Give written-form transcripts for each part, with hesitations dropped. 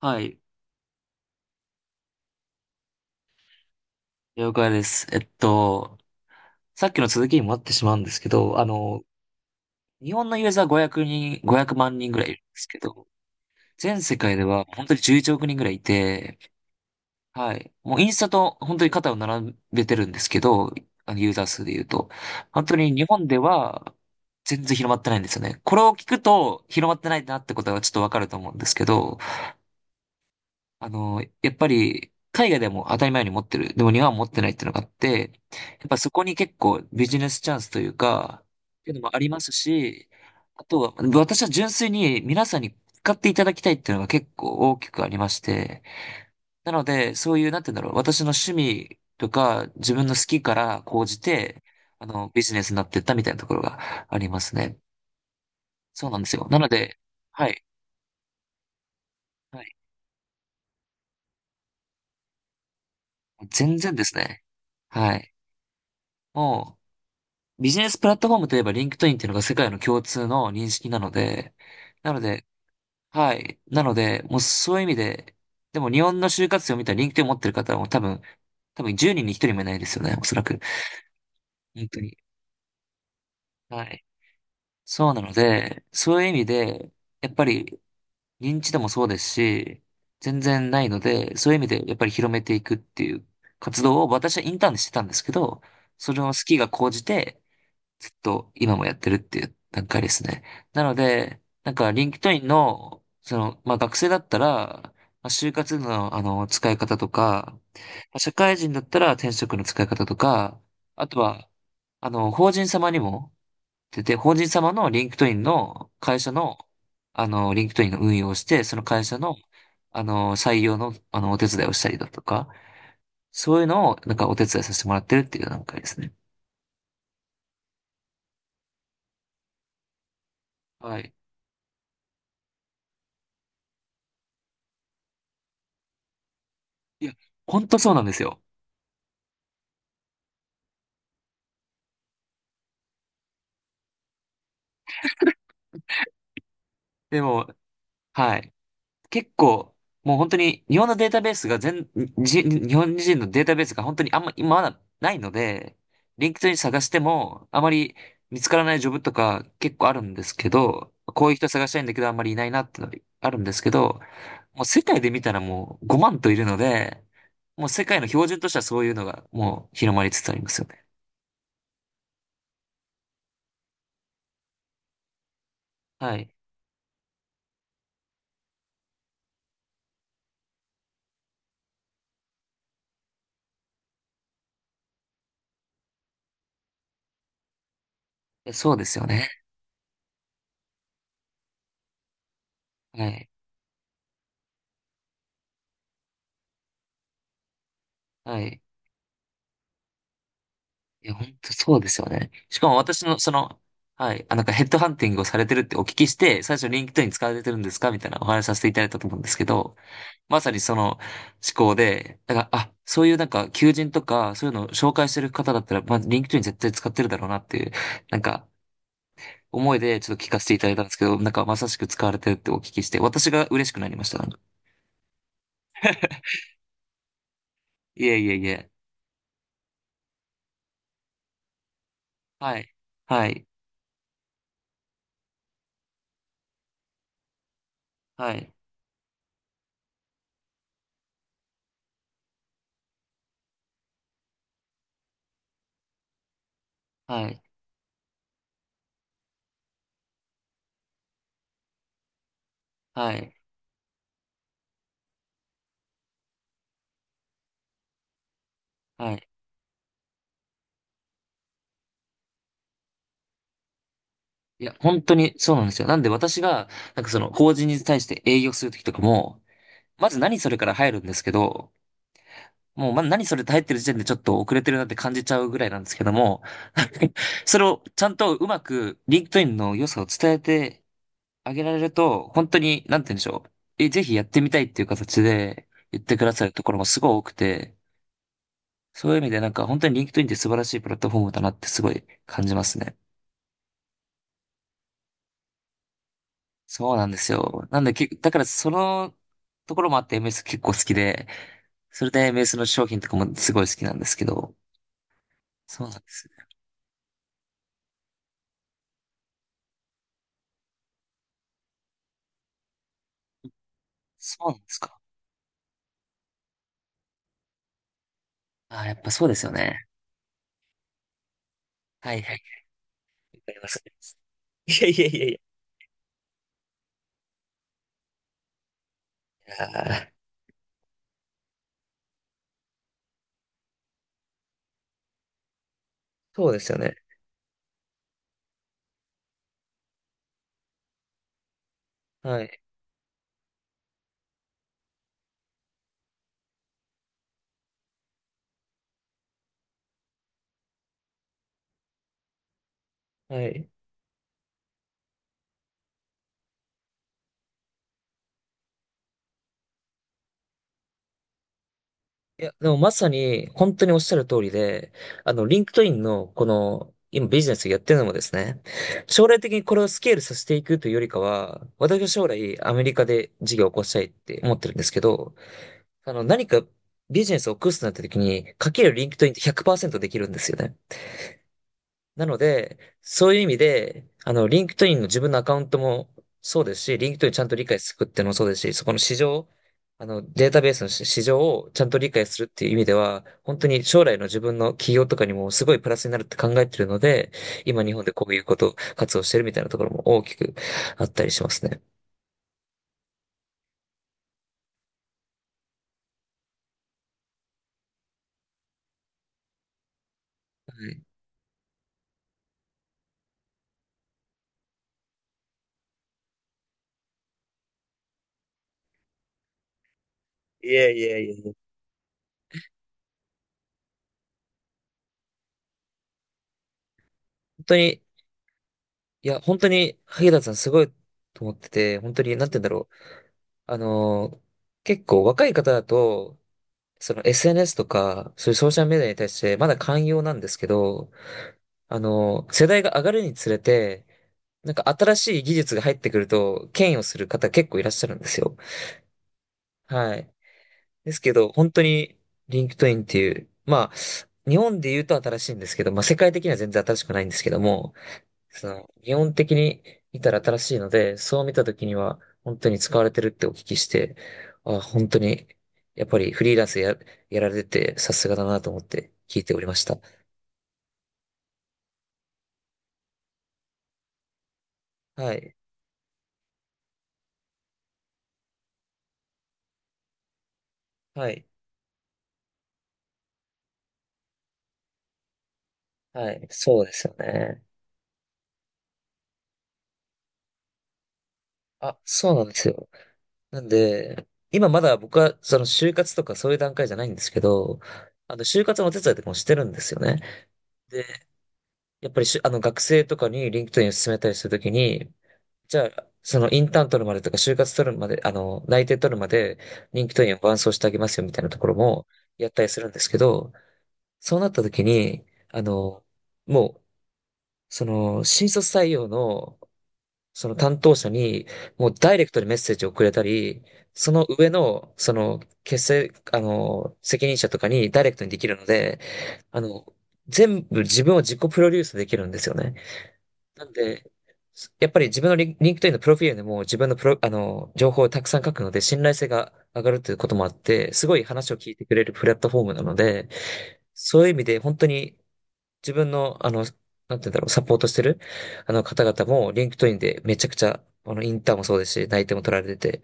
はい、了解です。さっきの続きにもなってしまうんですけど、日本のユーザー500万人ぐらいいるんですけど、全世界では本当に11億人ぐらいいて、はい、もうインスタと本当に肩を並べてるんですけど、ユーザー数で言うと、本当に日本では全然広まってないんですよね。これを聞くと広まってないなってことがちょっとわかると思うんですけど、やっぱり、海外でも当たり前に持ってる。でも日本は持ってないっていうのがあって、やっぱそこに結構ビジネスチャンスというか、っていうのもありますし、あとは、私は純粋に皆さんに使っていただきたいっていうのが結構大きくありまして、なので、そういう、なんて言うんだろう、私の趣味とか、自分の好きから講じて、ビジネスになってったみたいなところがありますね。そうなんですよ。なので、はい、はい、全然ですね。はい。もう、ビジネスプラットフォームといえばリンクトインっていうのが世界の共通の認識なので、はい。なので、もうそういう意味で、でも日本の就活生を見たらリンクトイン持ってる方はもう多分10人に1人もいないですよね、おそらく。本当に。はい。そうなので、そういう意味で、やっぱり認知度もそうですし、全然ないので、そういう意味でやっぱり広めていくっていう活動を私はインターンでしてたんですけど、それの好きが高じて、ずっと今もやってるっていう段階ですね。なので、なんか、リンクトインの、その、まあ、学生だったら、まあ、就活の、使い方とか、まあ社会人だったら転職の使い方とか、あとは、法人様にも、出て、法人様のリンクトインの会社の、リンクトインの運用をして、その会社の、採用の、お手伝いをしたりだとか、そういうのを、なんかお手伝いさせてもらってるっていう段階ですね。はい。いや、ほんとそうなんですよ。でも、はい。結構、もう本当に日本のデータベースが日本人のデータベースが本当にあんま、今まだないので、リンクトイン探しても、あまり見つからないジョブとか結構あるんですけど、こういう人探したいんだけどあんまりいないなってのあるんですけど、もう世界で見たらもう5万といるので、もう世界の標準としてはそういうのがもう広まりつつありますよね。はい。えそうですよね。はい。はい。いや、本当そうですよね。しかも私の、その、はい、あ、なんかヘッドハンティングをされてるってお聞きして、最初リンクトイン使われてるんですかみたいなお話しさせていただいたと思うんですけど、まさにその思考で、だから、あ、そういうなんか求人とか、そういうのを紹介してる方だったら、まあ、リンクトイン絶対使ってるだろうなっていう、なんか、思いでちょっと聞かせていただいたんですけど、なんかまさしく使われてるってお聞きして、私が嬉しくなりました。なんかいえいえいえ。はい。はい。はい。はい。はい。はい。いや、本当にそうなんですよ。なんで私が、なんかその、法人に対して営業するときとかも、まず何それから入るんですけど、もう何それって入ってる時点でちょっと遅れてるなって感じちゃうぐらいなんですけども、それをちゃんとうまく、リンクトインの良さを伝えてあげられると、本当に、なんて言うんでしょう。え、ぜひやってみたいっていう形で言ってくださるところもすごい多くて、そういう意味でなんか本当にリンクトインって素晴らしいプラットフォームだなってすごい感じますね。そうなんですよ。なんで、だからそのところもあって MS 結構好きで、それで MS の商品とかもすごい好きなんですけど、そうなんですね。そうなんですか。ああ、やっぱそうですよね。はいはい。わかります。いやいやいやいや。あーそうですよね。はい。はい。いや、でもまさに本当におっしゃる通りで、リンクトインのこの、今ビジネスをやってるのもですね、将来的にこれをスケールさせていくというよりかは、私は将来アメリカで事業を起こしたいって思ってるんですけど、何かビジネスを起こすとなった時に、かけるリンクトインって100%できるんですよね。なので、そういう意味で、リンクトインの自分のアカウントもそうですし、リンクトインちゃんと理解するっていうのもそうですし、そこの市場、データベースの市場をちゃんと理解するっていう意味では、本当に将来の自分の企業とかにもすごいプラスになるって考えてるので、今日本でこういうこと活動してるみたいなところも大きくあったりしますね。はいいやいやいや本当にいや、本当に、萩田さんすごいと思ってて、本当に、なんて言うんだろう。あのー結構若い方だと、その SNS とか、そういうソーシャルメディアに対してまだ寛容なんですけど、世代が上がるにつれて、なんか新しい技術が入ってくると、嫌悪する方結構いらっしゃるんですよ。はい。ですけど、本当に、リンクトインっていう、まあ、日本で言うと新しいんですけど、まあ世界的には全然新しくないんですけども、その、基本的に見たら新しいので、そう見た時には本当に使われてるってお聞きして、あ、本当に、やっぱりフリーランスや、やられててさすがだなと思って聞いておりました。はい。はい。はい。そうですよね。あ、そうなんですよ。なんで、今まだ僕はその就活とかそういう段階じゃないんですけど、就活のお手伝いとかもしてるんですよね。で、やっぱりしゅあの、学生とかに LinkedIn を勧めたりするときに、じゃあ、そのインターン取るまでとか、就活取るまで、内定取るまで、人気党員を伴走してあげますよみたいなところもやったりするんですけど、そうなった時に、あの、もう、その、新卒採用の、その担当者に、もうダイレクトにメッセージをくれたり、その上の、その、結成、あの、責任者とかにダイレクトにできるので、あの、全部自分を自己プロデュースできるんですよね。なんで、やっぱり自分のリンクトインのプロフィールでも自分のプロ、あの、情報をたくさん書くので、信頼性が上がるということもあって、すごい話を聞いてくれるプラットフォームなので、そういう意味で本当に自分の、なんて言うんだろう、サポートしてる、あの方々も、リンクトインでめちゃくちゃ、インターンもそうですし、内定も取られてて。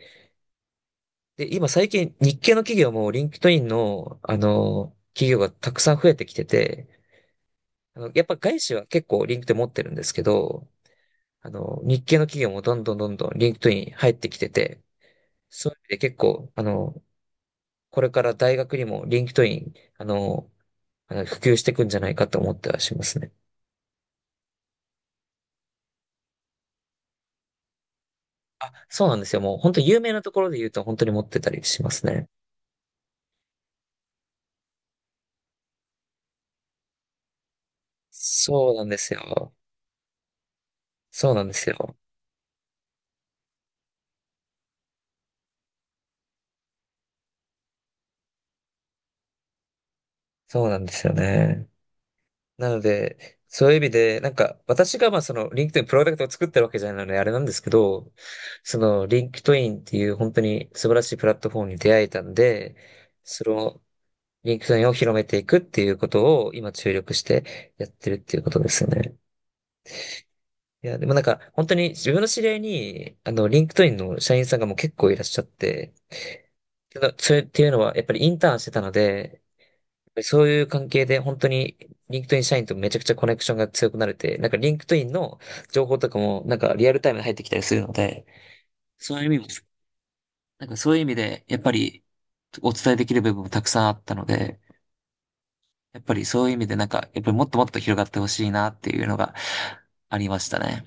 で、今最近、日系の企業も、リンクトインの、企業がたくさん増えてきてて、やっぱ外資は結構リンクトイン持ってるんですけど、日系の企業もどんどんどんどんリンクトイン入ってきてて、そういう意味で結構、これから大学にもリンクトイン、普及していくんじゃないかと思ってはしますね。あ、そうなんですよ。もう本当有名なところで言うと本当に持ってたりしますね。そうなんですよ。そうなんですよ。そうなんですよね。なので、そういう意味で、なんか、私がまあその、リンクトインプロダクトを作ってるわけじゃないので、あれなんですけど、その、リンクトインっていう本当に素晴らしいプラットフォームに出会えたんで、その、リンクトインを広めていくっていうことを今注力してやってるっていうことですよね。いや、でもなんか、本当に自分の知り合いに、リンクトインの社員さんがもう結構いらっしゃって、けどそれっていうのは、やっぱりインターンしてたので、そういう関係で本当にリンクトイン社員とめちゃくちゃコネクションが強くなれて、なんかリンクトインの情報とかもなんかリアルタイムで入ってきたりするので、そういう意味も、なんかそういう意味でやっぱりお伝えできる部分もたくさんあったので、やっぱりそういう意味でなんかやっぱりもっともっと広がってほしいなっていうのがありましたね。